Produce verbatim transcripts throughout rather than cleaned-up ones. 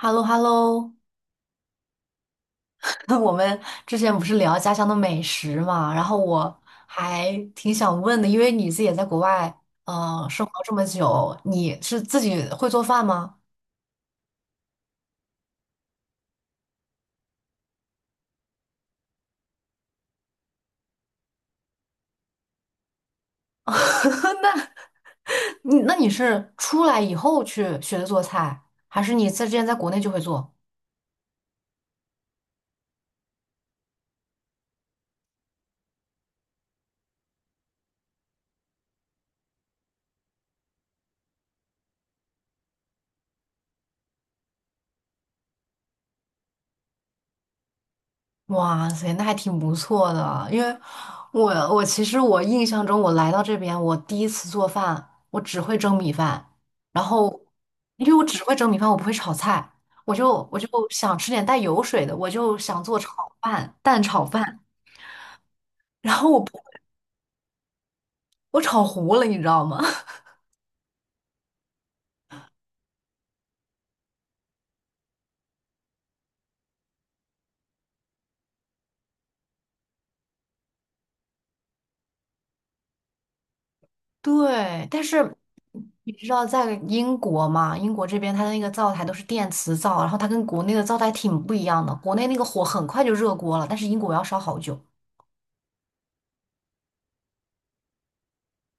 h e l l o h e l l o 我们之前不是聊家乡的美食嘛，然后我还挺想问的，因为你自己也在国外，嗯，生活这么久，你是自己会做饭吗？那，你那你是出来以后去学的做菜，还是你在之前在国内就会做？哇塞，那还挺不错的。因为我我其实我印象中，我来到这边，我第一次做饭，我只会蒸米饭，然后因为我只会蒸米饭，我不会炒菜，我就我就想吃点带油水的，我就想做炒饭，蛋炒饭，然后我我炒糊了，你知道吗？对，但是你知道在英国嘛？英国这边它的那个灶台都是电磁灶，然后它跟国内的灶台挺不一样的。国内那个火很快就热锅了，但是英国要烧好久。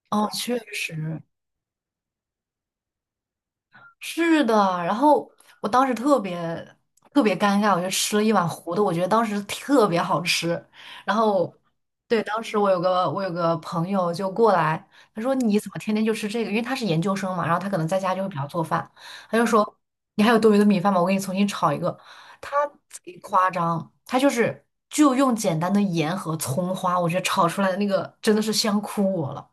哦，确实是的。然后我当时特别特别尴尬，我就吃了一碗糊的，我觉得当时特别好吃。然后，对，当时我有个我有个朋友就过来，他说你怎么天天就吃这个？因为他是研究生嘛，然后他可能在家就会比较做饭，他就说你还有多余的米饭吗？我给你重新炒一个。他贼夸张，他就是就用简单的盐和葱花，我觉得炒出来的那个真的是香哭我了。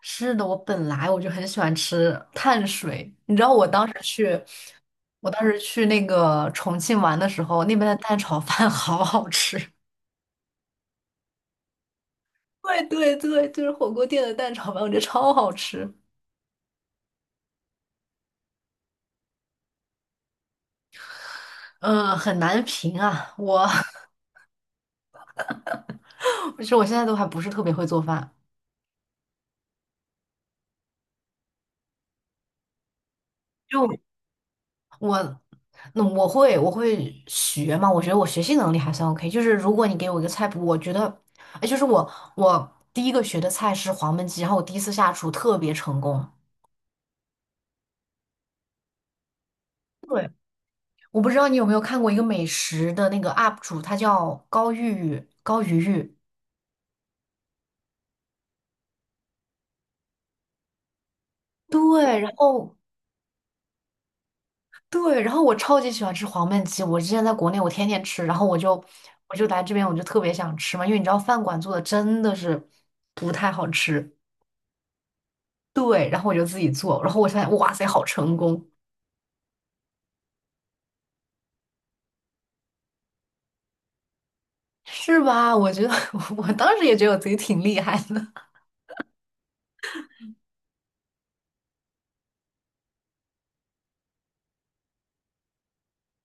是的，我本来我就很喜欢吃碳水，你知道我当时去，我当时去那个重庆玩的时候，那边的蛋炒饭 好好吃。对对对，就是火锅店的蛋炒饭，我觉得超好吃。嗯，很难评啊，我 其实我现在都还不是特别会做饭，就我。那我会，我会学嘛？我觉得我学习能力还算 OK。就是如果你给我一个菜谱，我觉得，哎，就是我我第一个学的菜是黄焖鸡，然后我第一次下厨特别成功。对，我不知道你有没有看过一个美食的那个 U P 主，他叫高玉玉，高鱼玉。对，然后对，然后我超级喜欢吃黄焖鸡，我之前在国内我天天吃，然后我就我就来这边我就特别想吃嘛，因为你知道饭馆做的真的是不太好吃。对，然后我就自己做，然后我发现哇塞，好成功，是吧？我觉得 我当时也觉得我自己挺厉害的。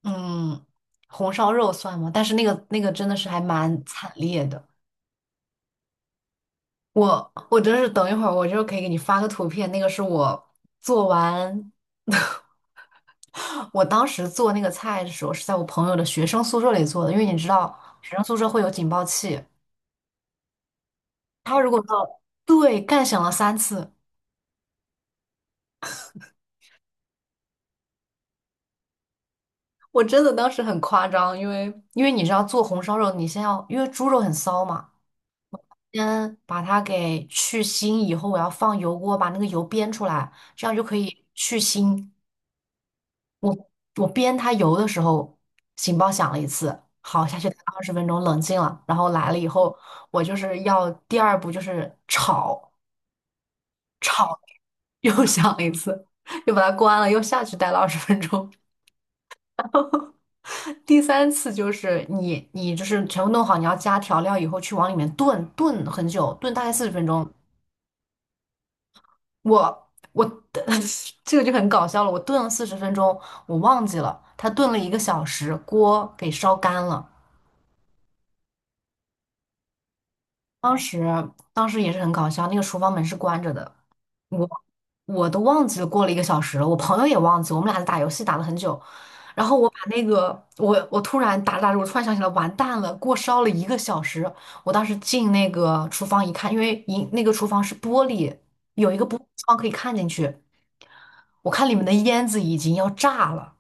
嗯，红烧肉算吗？但是那个那个真的是还蛮惨烈的。我我真是等一会儿，我就可以给你发个图片，那个是我做完，我当时做那个菜的时候是在我朋友的学生宿舍里做的，因为你知道学生宿舍会有警报器，他如果说对干响了三次，我真的当时很夸张，因为因为你知道做红烧肉，你先要因为猪肉很骚嘛，先把它给去腥，以后我要放油锅把那个油煸出来，这样就可以去腥。我边它油的时候，警报响了一次，好，下去待二十分钟，冷静了，然后来了以后，我就是要第二步就是炒，炒又 响了一次，又把它关了，又下去待了二十分钟，第三次就是你你就是全部弄好，你要加调料以后去往里面炖炖很久，炖大概四十分钟，我我 这个就很搞笑了，我炖了四十分钟，我忘记了它炖了一个小时，锅给烧干了。当时当时也是很搞笑，那个厨房门是关着的，我我都忘记了过了一个小时了，我朋友也忘记我们俩打游戏打了很久，然后我把那个我我突然打着打着，我突然想起来，完蛋了，锅烧了一个小时，我当时进那个厨房一看，因为一那个厨房是玻璃，有一个玻璃窗可以看进去，我看里面的烟子已经要炸了，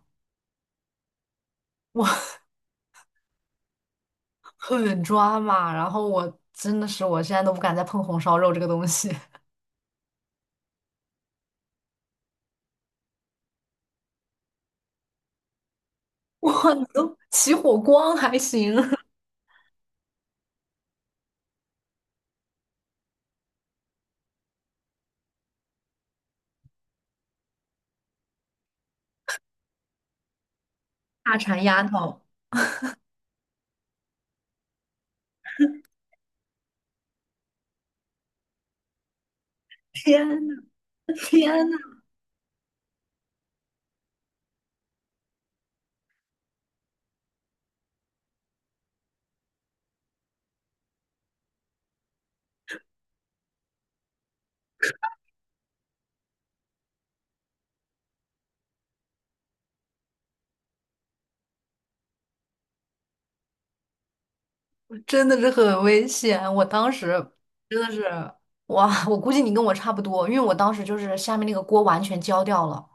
我 很抓马，然后我真的是我现在都不敢再碰红烧肉这个东西。哇，你都起火光还行，大馋丫头，天呐，天呐，真的是很危险。我当时真的是，哇，我估计你跟我差不多，因为我当时就是下面那个锅完全焦掉了，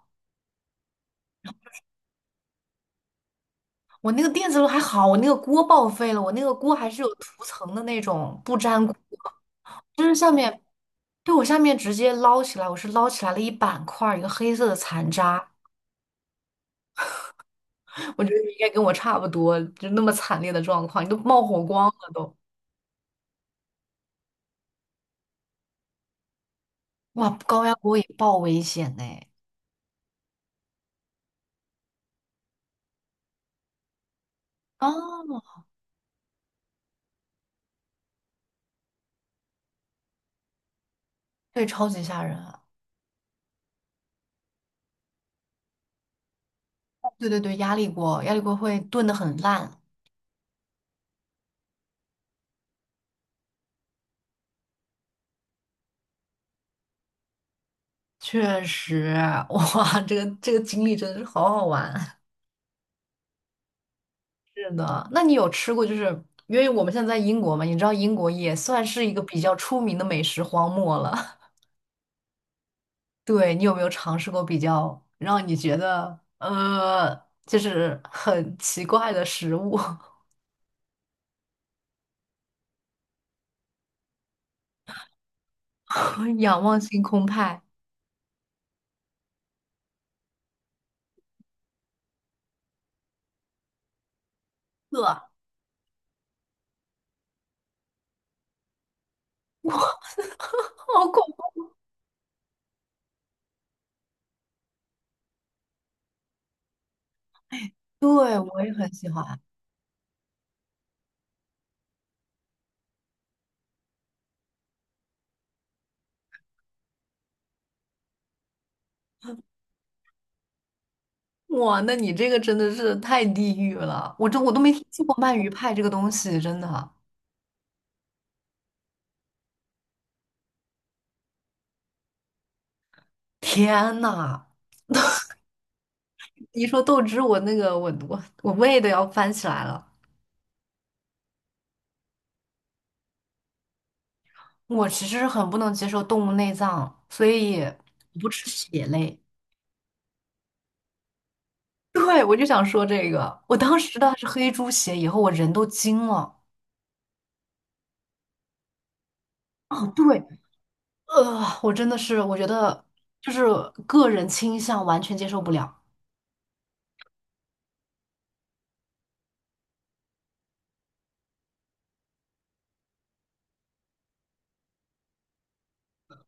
我那个电磁炉还好，我那个锅报废了，我那个锅还是有涂层的那种，不粘锅，就是下面，对，我下面直接捞起来，我是捞起来了一板块儿，一个黑色的残渣，我觉得你应该跟我差不多，就那么惨烈的状况，你都冒火光了都。哇，高压锅也爆危险呢。哦，对，超级吓人啊对对对，压力锅，压力锅会炖得很烂，确实，哇，这个这个经历真的是好好玩。是的，那你有吃过就是，因为我们现在在英国嘛，你知道英国也算是一个比较出名的美食荒漠了。对，你有没有尝试过比较让你觉得呃，就是很奇怪的食物？仰望星空派，对，好恐怖。对，我也很喜欢。哇，那你这个真的是太地狱了！我这我都没听说过鳗鱼派这个东西，真的。天呐，一说豆汁，我那个我我我胃都要翻起来了。我其实是很不能接受动物内脏，所以我不吃血类。对，我就想说这个，我当时吃到的是黑猪血，以后我人都惊了。啊，对，呃，我真的是，我觉得就是个人倾向完全接受不了。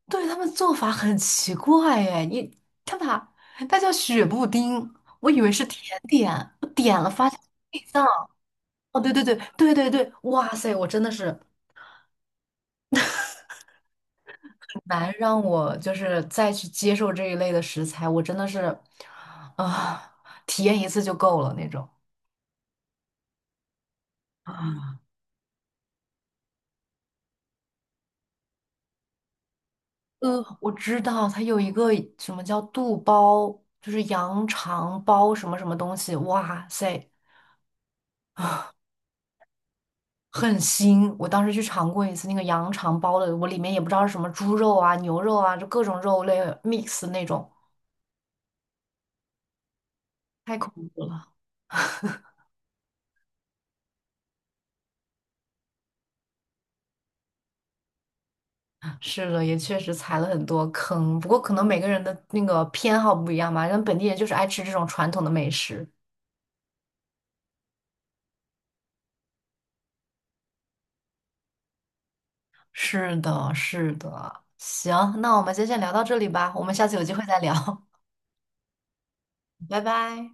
对，他们做法很奇怪哎，你他把它叫雪布丁，我以为是甜点，我点了发现是内脏。哦，对对对对对对，哇塞，我真的是很难让我就是再去接受这一类的食材，我真的是啊、体验一次就够了那种。呃，我知道它有一个什么叫肚包，就是羊肠包什么什么东西，哇塞，很腥。我当时去尝过一次那个羊肠包的，我里面也不知道是什么猪肉啊、牛肉啊，就各种肉类 mix 那种，太恐怖了。是的，也确实踩了很多坑，不过可能每个人的那个偏好不一样吧，人本地人就是爱吃这种传统的美食。是的，是的。行，那我们今天先聊到这里吧，我们下次有机会再聊，拜拜。